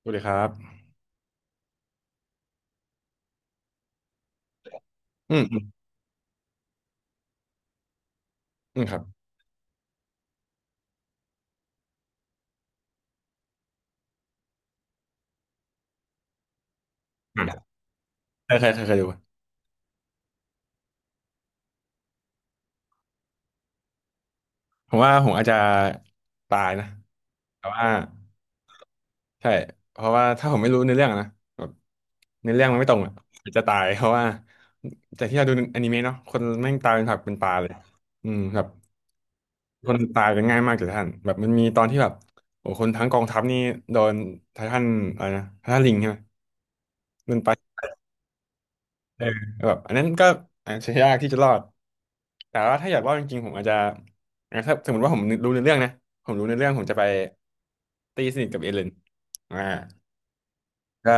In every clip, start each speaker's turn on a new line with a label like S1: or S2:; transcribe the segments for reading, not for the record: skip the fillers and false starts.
S1: สวัสดีครับอืมอืมอืมครับอ่ะเคยเคยเคยเคยดูผมว่าผมอาจจะตายนะแต่ว่าใช่เพราะว่าถ้าผมไม่รู้ในอเรื่องอะนะแบบในอเรื่องมันไม่ตรงอ่ะอาจจะตายเพราะว่าจากที่เราดูอนิเมะเนาะคนแม่งตายเป็นผักเป็นปลาเลยอืมแบบคนตายกันง่ายมากเลยท่านแบบมันมีตอนที่แบบโอ้คนทั้งกองทัพนี่โดนไททันอะไรนะไททันลิงใช่ไหมมันไป เออแบบอันนั้นก็อาจจะยากที่จะรอด แต่ว่าถ้าอยากรอดจริงๆผมอาจจะอ่ะถ้าสมมติว่าผมรู้ในเรื่องนะผมรู้ในเรื่องผมจะไปตีสนิทกับเอเลนอ่าก็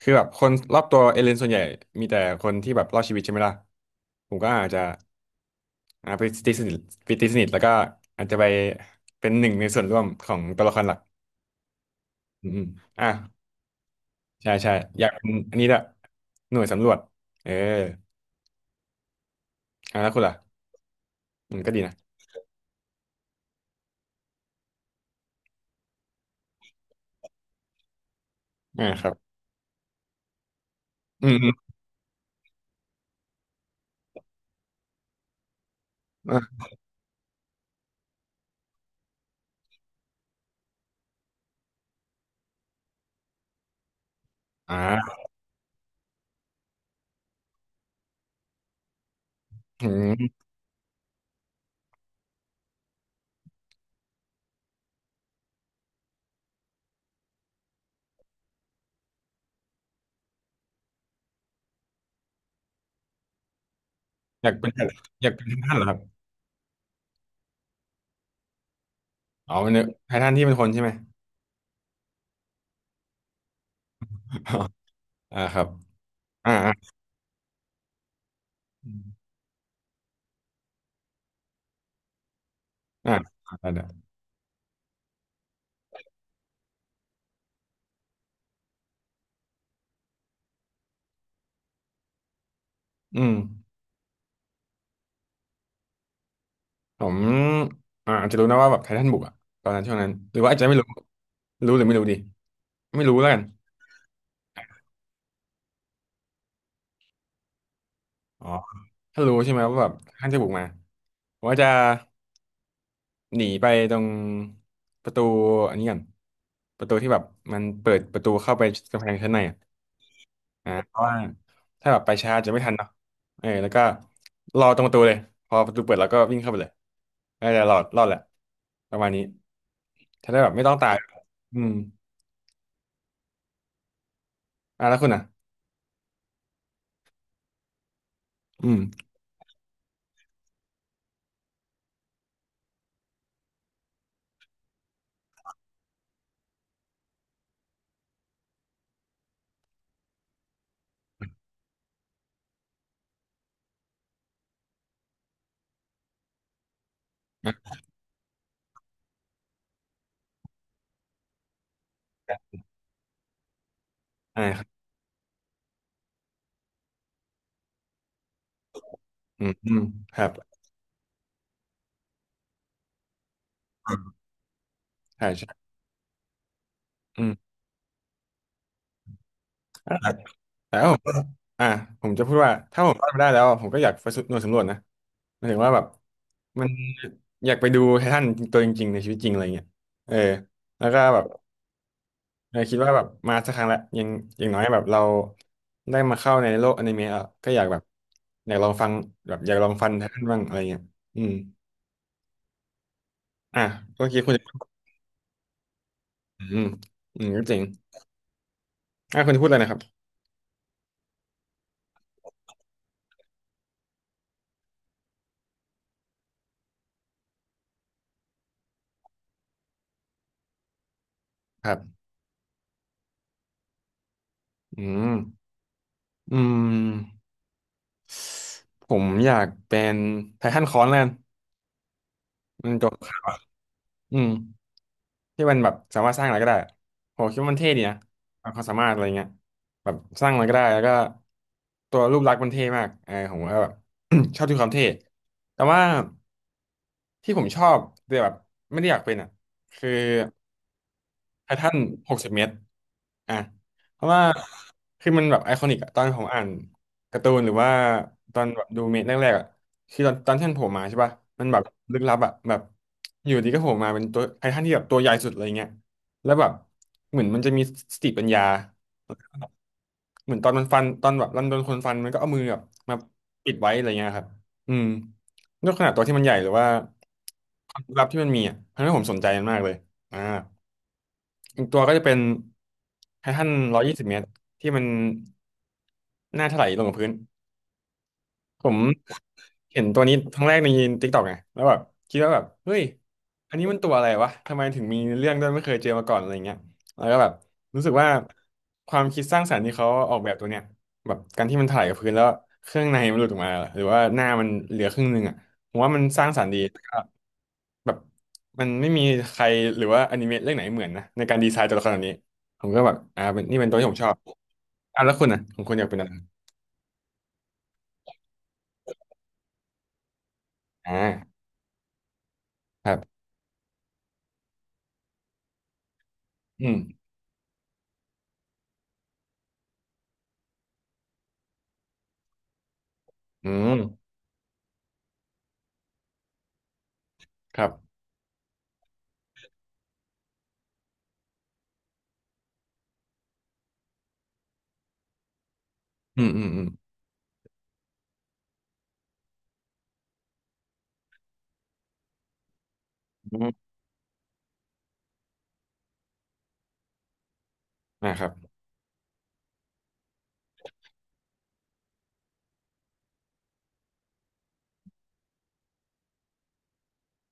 S1: คือแบบคนรอบตัวเอเลนส่วนใหญ่มีแต่คนที่แบบรอดชีวิตใช่ไหมล่ะผมก็อาจจะอ่าไปตีสนิทไปตีสนิทแล้วก็อาจจะไปเป็นหนึ่งในส่วนร่วมของตัวละครหลักอืมอมอ่ะใช่ใช่อยากเป็นอันนี้ละหน่วยสำรวจเอออ่ะแล้วคุณล่ะอืมก็ดีนะ อ่าครับอืมอืมอ่าอ่าอืมอยากเป็นอยากเป็นไททันเหรอครับอ๋อเป็นไททันที่เป็นคนใช่ไหมอ๋ออ่าครับอ่าอ่าอมอ่าได้ได้อืมผมอาจจะรู้นะว่าแบบไททันบุกอะตอนนั้นช่วงนั้นหรือว่าอาจจะไม่รู้รู้หรือไม่รู้ดีไม่รู้แล้วกันอ๋อถ้ารู้ใช่ไหมว่าแบบไททันจะบุกมาผมว่าจะหนีไปตรงประตูอันนี้กันประตูที่แบบมันเปิดประตูเข้าไปกำแพงชั้นในอะ อ่าเพราะว่าถ้าแบบไปช้าจะไม่ทันเนาะเออแล้วก็รอตรงประตูเลยพอประตูเปิดแล้วก็วิ่งเข้าไปเลยน่าจะรอดรอดแหละประมาณนี้จะได้แบบไม่ต้องตายอืมอ่ะแล้วคุณอ่ะอืมอ่ะอ่าครับอืมอืมครับใช่ใช่อืมอ่ะแต่วาผมอ่าผมจะพูดว่าถ้าผมรอดมาได้แล้วอะผมก็อยากไปสำหน่วยสำรวจนะหมายถึงว่าแบบมันอยากไปดูไททันตัวจริงๆในชีวิตจริงอะไรเงี้ยเออแล้วก็แบบ เออคิดว่าแบบมาสักครั้งละอยังอย่างน้อยแบบเราได้มาเข้าในโลกอนิเมะอะก็อยากแบบอยากลองฟังแบบอยากลองฟังท่านบ้างอะไรเงี้ยอืมอ่ะเมื่อคิดคุณอืมอืมก็จริงอ่ะคุณพูดเลยนะครับครับอืมอืมผมอยากเป็นไททันคอนแล้วกันมันจบอืม ที่มันแบบสามารถสร้างอะไรก็ได้อะผมคิดว่ามันเท่ดีนะความสามารถอะไรเงี้ยแบบสร้างอะไรก็ได้แล้วก็ตัวรูปลักษณ์มันเท่มากเออผมก็แบบ ชอบที่ความเท่ แต่ว่าที่ผมชอบแต่แบบไม่ได้อยากเป็นอ่ะคือ ไททัน60 เมตรอ่ะเพราะว่าคือมันแบบไอคอนิกอะตอนผมอ่านการ์ตูนหรือว่าตอนแบบดูเมะแรกๆอะคือตอนที่มันโผล่มาใช่ป่ะมันแบบลึกลับอะแบบอยู่ดีก็โผล่มาเป็นตัวไททันที่แบบตัวใหญ่สุดอะไรเงี้ยแล้วแบบเหมือนมันจะมีสติปัญญาเหมือนตอนมันฟันตอนแบบรันโดนคนฟันมันก็เอามือแบบมาปิดไว้อะไรเงี้ยครับอืมด้วยขนาดตัวที่มันใหญ่หรือว่าความลึกลับที่มันมีอ่ะทำให้ผมสนใจมันมากเลยอ่า อีกตัวก็จะเป็นไททัน120 เมตรที่มันหน้าถลายลงกับพื้น ผมเห็นตัวนี้ครั้งแรกในติ๊กตอกไงแล้วแบบคิดว่าแบบเฮ้ยอันนี้มันตัวอะไรวะทำไมถึงมีเรื่องด้วยไม่เคยเจอมาก่อนอะไรเงี้ยแล้วก็แบบรู้สึกว่าความคิดสร้างสรรค์ที่เขาออกแบบตัวเนี้ยแบบการที่มันถลายกับพื้นแล้วเครื่องในมันหลุดออกมาหรือว่าหน้ามันเหลือครึ่งหนึงอ่ะผมว่ามันสร้างสรรค์ดี แบบมันไม่มีใครหรือว่าอนิเมะเรื่องไหนเหมือนนะในการดีไซน์ตัวละครแบบนี้ผมก็แบบอ่าเป็นนี่เป็นตัวที่ผมชอบอ่ะแล้วคุณนะของคุณอยากเป็นอะไรอ่าครับอืมอืมครับอืมอืมอืมอืมอ่าครับ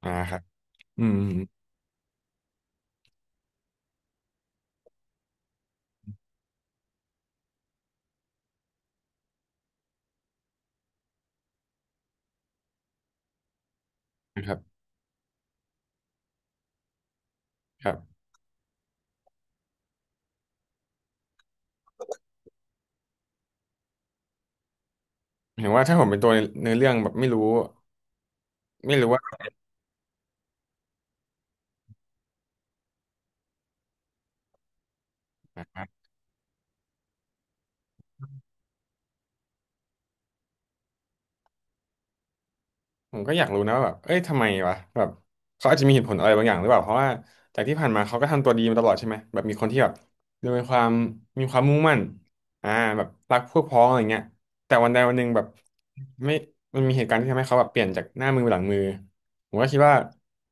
S1: อ่าครับอืมอืมอืมนะครับครับเห็นว่าถ้าผมเป็นตัวในเนื้อเรื่องแบบไม่รู้ไม่รู้ว่า ผมก็อยากรู้นะว่าแบบเอ้ยทำไมวะแบบเขาอาจจะมีเหตุผลอะไรบางอย่างหรือเปล่า เพราะว่าจากที่ผ่านมาเขาก็ทำตัวดีมาตลอดใช่ไหมแบบมีคนที่แบบดูมีความมุ่งมั่นอ่าแบบรักพวกพ้องอะไรเงี้ยแต่วันใดวันหนึ่งแบบไม่มันมีเหตุการณ์ที่ทำให้เขาแบบเปลี่ยนจากหน้ามือเป็นหลังมือผมก็คิดว่า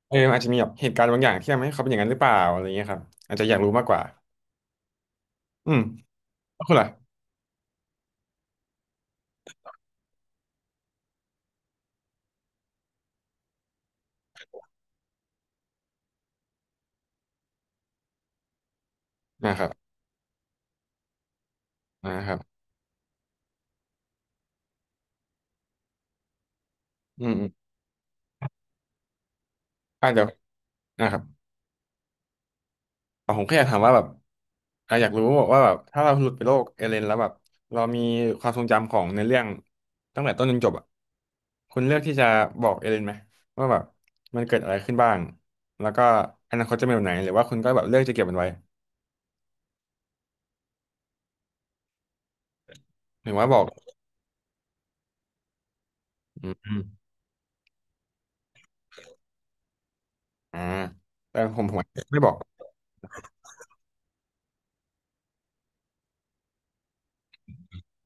S1: เออมันอาจจะมีแบบเหตุการณ์บางอย่างที่ทำให้เขาเป็นอย่างนั้นหรือเปล่าอะไรเงี้ยครับอาจจะอยากรู้มากกว่าอืมแล้วคุณล่ะนะครับนะครับอืมอืมอ่าเดี๋ยวนะครับ แต่ผมแค่อยากถามว่าแบบอ่ะอยากรู้ว่าแบบถ้าเราหลุดไปโลกเอเลนแล้วแบบเรามีความทรงจำของในเรื่องตั้งแต่ต้นจนจบอ่ะคุณเลือกที่จะบอกเอเลนไหมว่าแบบมันเกิดอะไรขึ้นบ้างแล้วก็อนาคตจะเป็นแบบไหนหรือว่าคุณก็แบบเลือกจะเก็บมันไว้หรือว่าบอกอืมอืมอ่าแต่ผมไม่บอก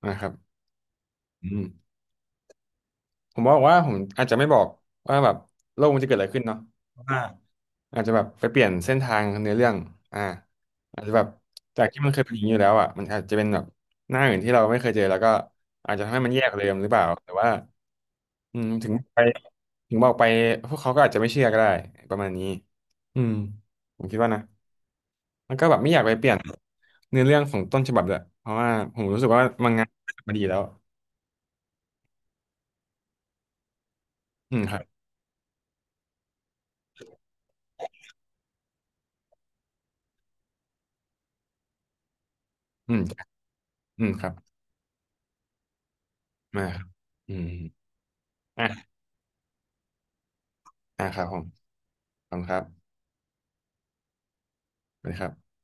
S1: นะครับอืมผมบอกว่าผมอาจจะไม่บอกว่าแบบโลกมันจะเกิดอะไรขึ้นเนาะ อาจจะแบบไปเปลี่ยนเส้นทางเนื้อเรื่องอ่าอาจจะแบบจากที่มันเคยเป็นอย่างนี้อยู่แล้วอ่ะมันอาจจะเป็นแบบหน้าอื่นที่เราไม่เคยเจอแล้วก็อาจจะทำให้มันแย่กว่าเดิมหรือเปล่าแต่ว่าอืมถึงไปถึงบอกไปพวกเขาก็อาจจะไม่เชื่อก็ได้ประมาณนี้อืมผมคิดว่านะแล้วก็แบบไม่อยากไปเปลี่ยนเนื้อเรื่องของต้นฉบับเลยเพราะว่าผมรู้สึกว่ามังงะมาดีแล้วอืมครับอืมอืมครับมาครับอืมอ่ะอ่ะครับผมขอบคุณครับสวัสดีครับ